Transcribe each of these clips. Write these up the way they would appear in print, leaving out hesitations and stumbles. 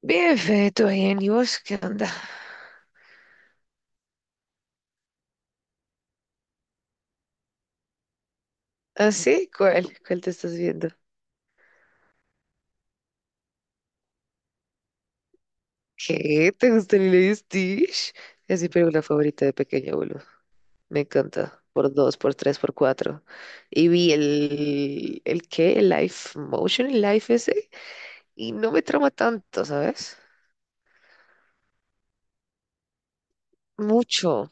Bien, Fede, todo bien. ¿Y vos qué onda? ¿Ah, sí? ¿Cuál? ¿Cuál te estás viendo? ¿Qué? ¿Te gusta Lilo y Stitch? Es mi película favorita de pequeño, boludo. Me encanta. Por dos, por tres, por cuatro. Y vi el... ¿El qué? El live motion, el live ese. Y no me trama tanto, ¿sabes? Mucho.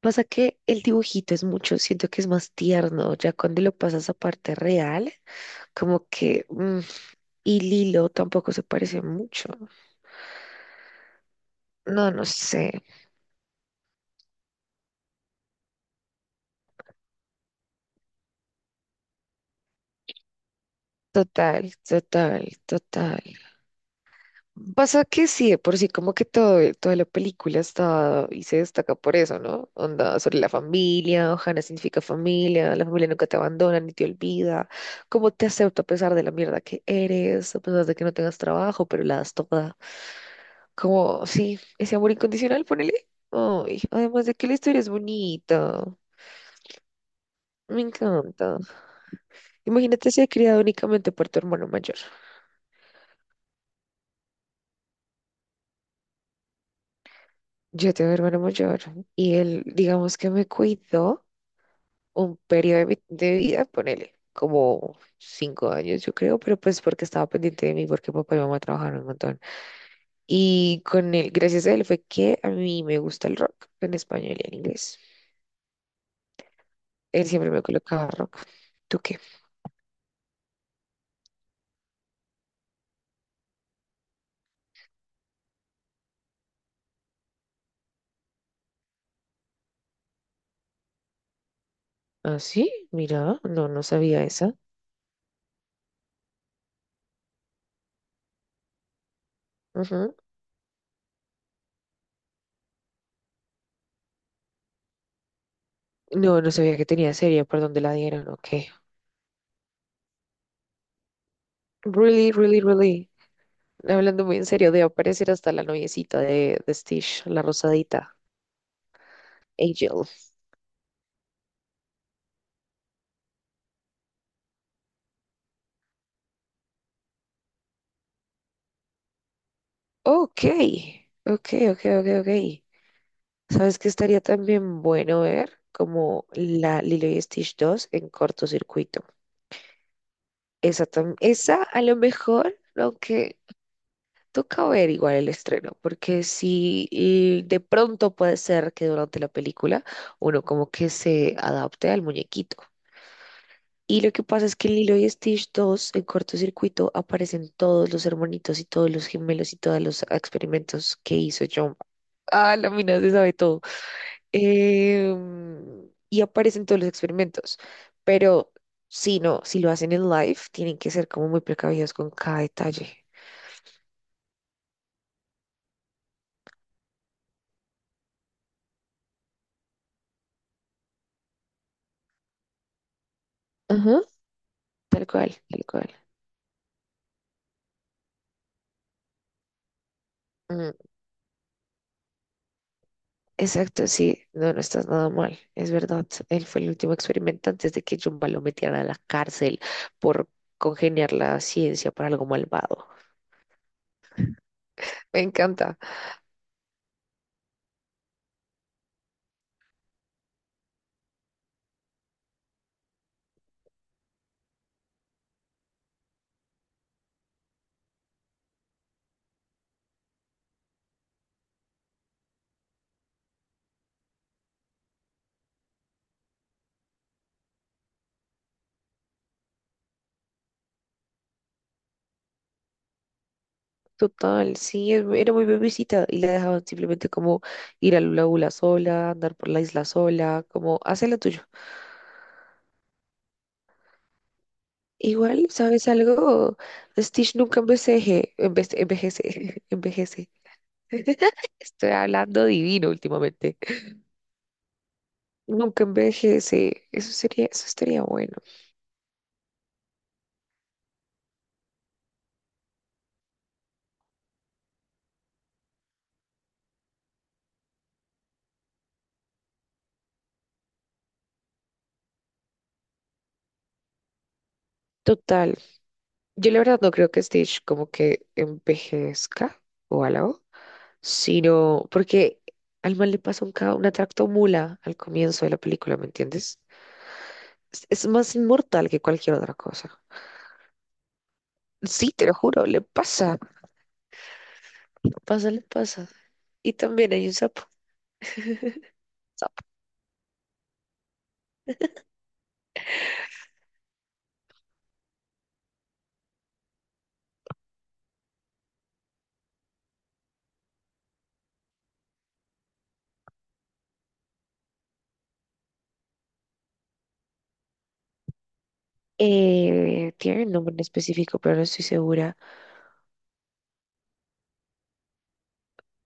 Pasa que el dibujito es mucho. Siento que es más tierno. Ya cuando lo pasas a parte real, como que... y Lilo tampoco se parece mucho. No, no sé. Total, total, total. Pasa que sí, de por sí, como que todo, toda la película está y se destaca por eso, ¿no? Onda sobre la familia, Ohana significa familia, la familia nunca te abandona ni te olvida, cómo te acepta a pesar de la mierda que eres, a pesar de que no tengas trabajo, pero la das toda. Como, sí, ese amor incondicional, ponele. Ay, además de que la historia es bonita, me encanta. Imagínate si ha criado únicamente por tu hermano mayor. Yo tengo un hermano mayor y él, digamos que me cuidó un periodo de, de vida, ponele, como 5 años, yo creo, pero pues porque estaba pendiente de mí, porque papá y mamá trabajaron un montón. Y con él, gracias a él, fue que a mí me gusta el rock en español y en inglés. Él siempre me colocaba rock. ¿Tú qué? Ah, sí, mira, no, no sabía esa. Ujú. No, no sabía que tenía serie, por donde la dieron, ok. Really, really, really. Hablando muy en serio, debe aparecer hasta la noviecita de Stitch, la rosadita, Angel. Ok, ok, ok, ok, ok. ¿Sabes qué estaría también bueno ver? Como la Lilo y Stitch dos en cortocircuito. Esa, esa a lo mejor, aunque toca ver igual el estreno, porque si y de pronto puede ser que durante la película uno como que se adapte al muñequito. Y lo que pasa es que en Lilo y Stitch dos, en cortocircuito, aparecen todos los hermanitos y todos los gemelos y todos los experimentos que hizo John. Ah, la mina se sabe todo. Y aparecen todos los experimentos. Pero si no, si lo hacen en live, tienen que ser como muy precavidos con cada detalle. Ajá. Tal cual, tal cual. Exacto, sí, no, no estás nada mal, es verdad. Él fue el último experimento antes de que Jumba lo metiera a la cárcel por congeniar la ciencia para algo malvado. Me encanta. Total, sí, era muy bebecita y la dejaban simplemente como ir a Lula Bula sola, andar por la isla sola, como hace lo tuyo. Igual, ¿sabes algo? Stitch nunca envejece, envejece, envejece. Estoy hablando divino últimamente. Nunca envejece. Eso sería, eso estaría bueno. Total, yo la verdad no creo que Stitch como que envejezca o algo, sino porque al mal le pasa un, una tractomula al comienzo de la película, ¿me entiendes? Es más inmortal que cualquier otra cosa. Sí, te lo juro, le pasa, le pasa. Y también hay un sapo. Sapo. Tiene un nombre en específico, pero no estoy segura.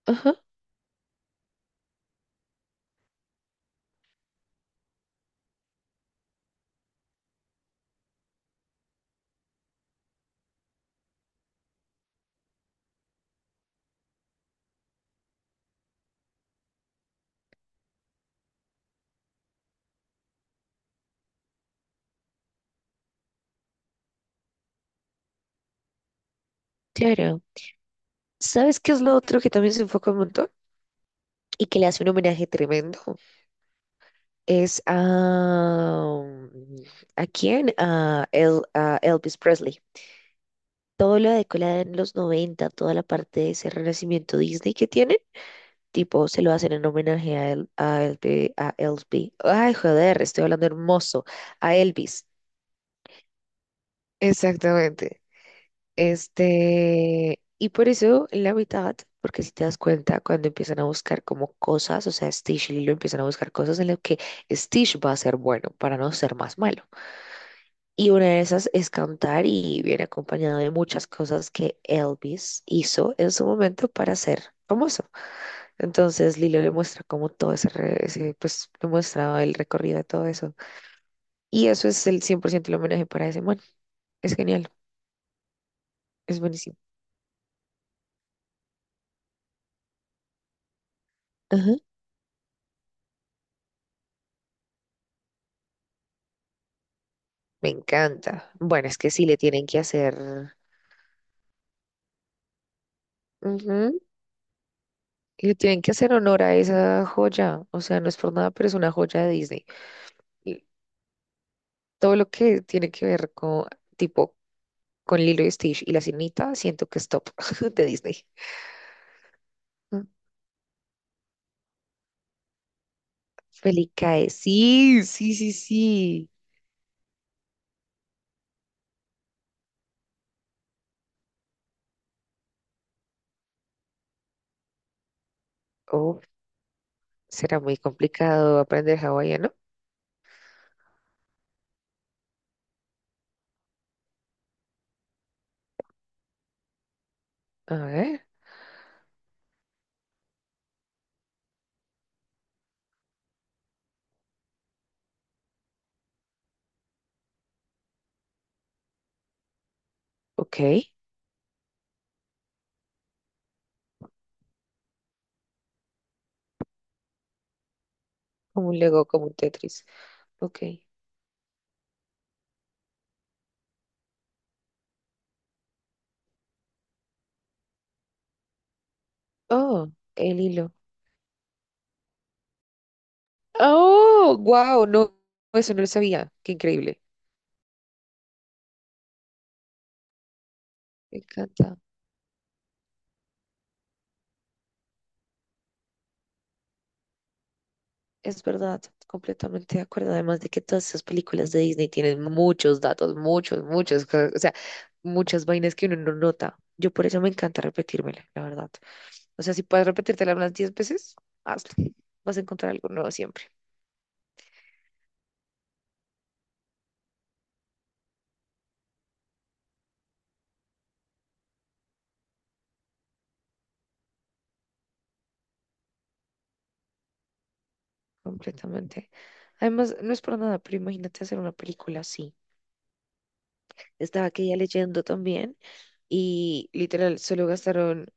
Ajá, claro. ¿Sabes qué es lo otro que también se enfoca un montón? Y que le hace un homenaje tremendo. Es a... ¿A quién? A, a Elvis Presley. Todo lo decolan los 90 toda la parte de ese renacimiento Disney que tienen, tipo, se lo hacen en homenaje a, El, a, a Elvis. Ay, joder, estoy hablando hermoso. A Elvis. Exactamente. Este, y por eso en la mitad, porque si te das cuenta, cuando empiezan a buscar como cosas, o sea, Stitch y Lilo empiezan a buscar cosas en las que Stitch va a ser bueno para no ser más malo. Y una de esas es cantar y viene acompañado de muchas cosas que Elvis hizo en su momento para ser famoso. Entonces Lilo le muestra como todo ese, ese, pues le muestra el recorrido de todo eso. Y eso es el 100% el homenaje para ese man. Es genial, es buenísimo. Ajá. Me encanta. Bueno, es que sí le tienen que hacer, ujú, le tienen que hacer honor a esa joya. O sea, no es por nada, pero es una joya de Disney. Y todo lo que tiene que ver con tipo con Lilo y Stitch y la sirenita, siento que es top de Disney. Mm. Felicae, sí, sí, sí, sí. Oh, será muy complicado aprender hawaiano. A ver, ok. Como un Lego, como un Tetris. Ok. Oh, el hilo. Oh, wow, no, eso no lo sabía. Qué increíble. Me encanta. Es verdad, completamente de acuerdo. Además de que todas esas películas de Disney tienen muchos datos, muchos, muchos, o sea, muchas vainas que uno no nota. Yo por eso me encanta repetírmela, la verdad. O sea, si puedes repetírtela unas 10 veces, hazlo. Vas a encontrar algo nuevo siempre. Completamente. Además, no es por nada, pero imagínate hacer una película así. Estaba aquella leyendo también y literal solo gastaron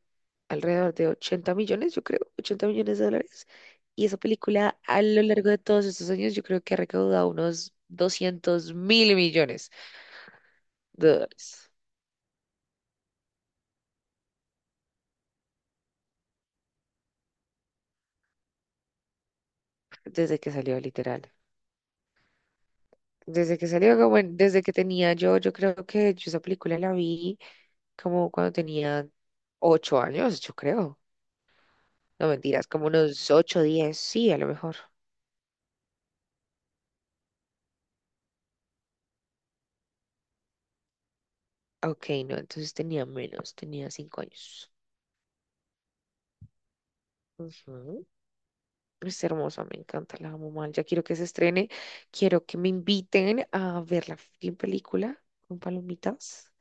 alrededor de 80 millones, yo creo, 80 millones de dólares. Y esa película a lo largo de todos estos años yo creo que ha recaudado unos 200 mil millones de dólares desde que salió literal. Desde que salió, como desde que tenía yo, yo creo que yo esa película la vi como cuando tenía 8 años, yo creo. No mentiras, como unos 8 10 sí, a lo mejor. Ok, no, entonces tenía menos, tenía 5 años. Ujú. Es hermosa, me encanta, la amo mal. Ya quiero que se estrene, quiero que me inviten a ver la fucking película con palomitas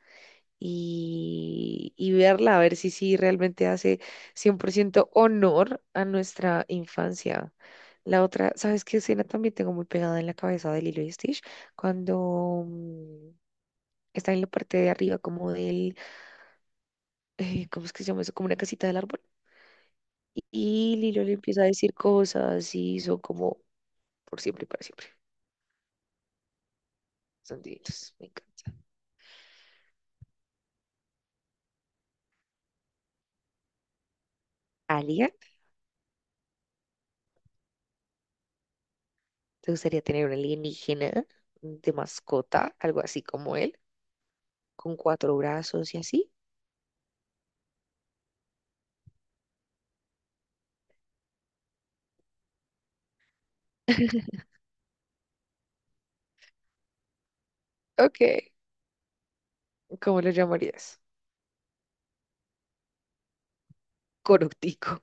y verla, a ver si sí realmente hace 100% honor a nuestra infancia. La otra, ¿sabes qué escena también tengo muy pegada en la cabeza de Lilo y Stitch? Cuando está en la parte de arriba como del, ¿cómo es que se llama eso? Como una casita del árbol. Y Lilo le empieza a decir cosas y son como por siempre y para siempre. Son divinos, me encanta. ¿Alien? ¿Te gustaría tener un alienígena de mascota, algo así como él, con cuatro brazos y así? Ok, ¿cómo lo llamarías? Corutico.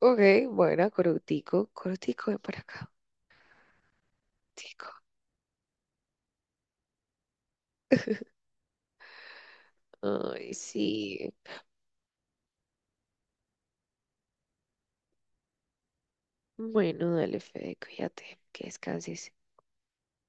Ok, bueno, Corutico. Corutico, ven para acá. Tico. Ay, sí. Bueno, dale, Fede, cuídate, que descanses.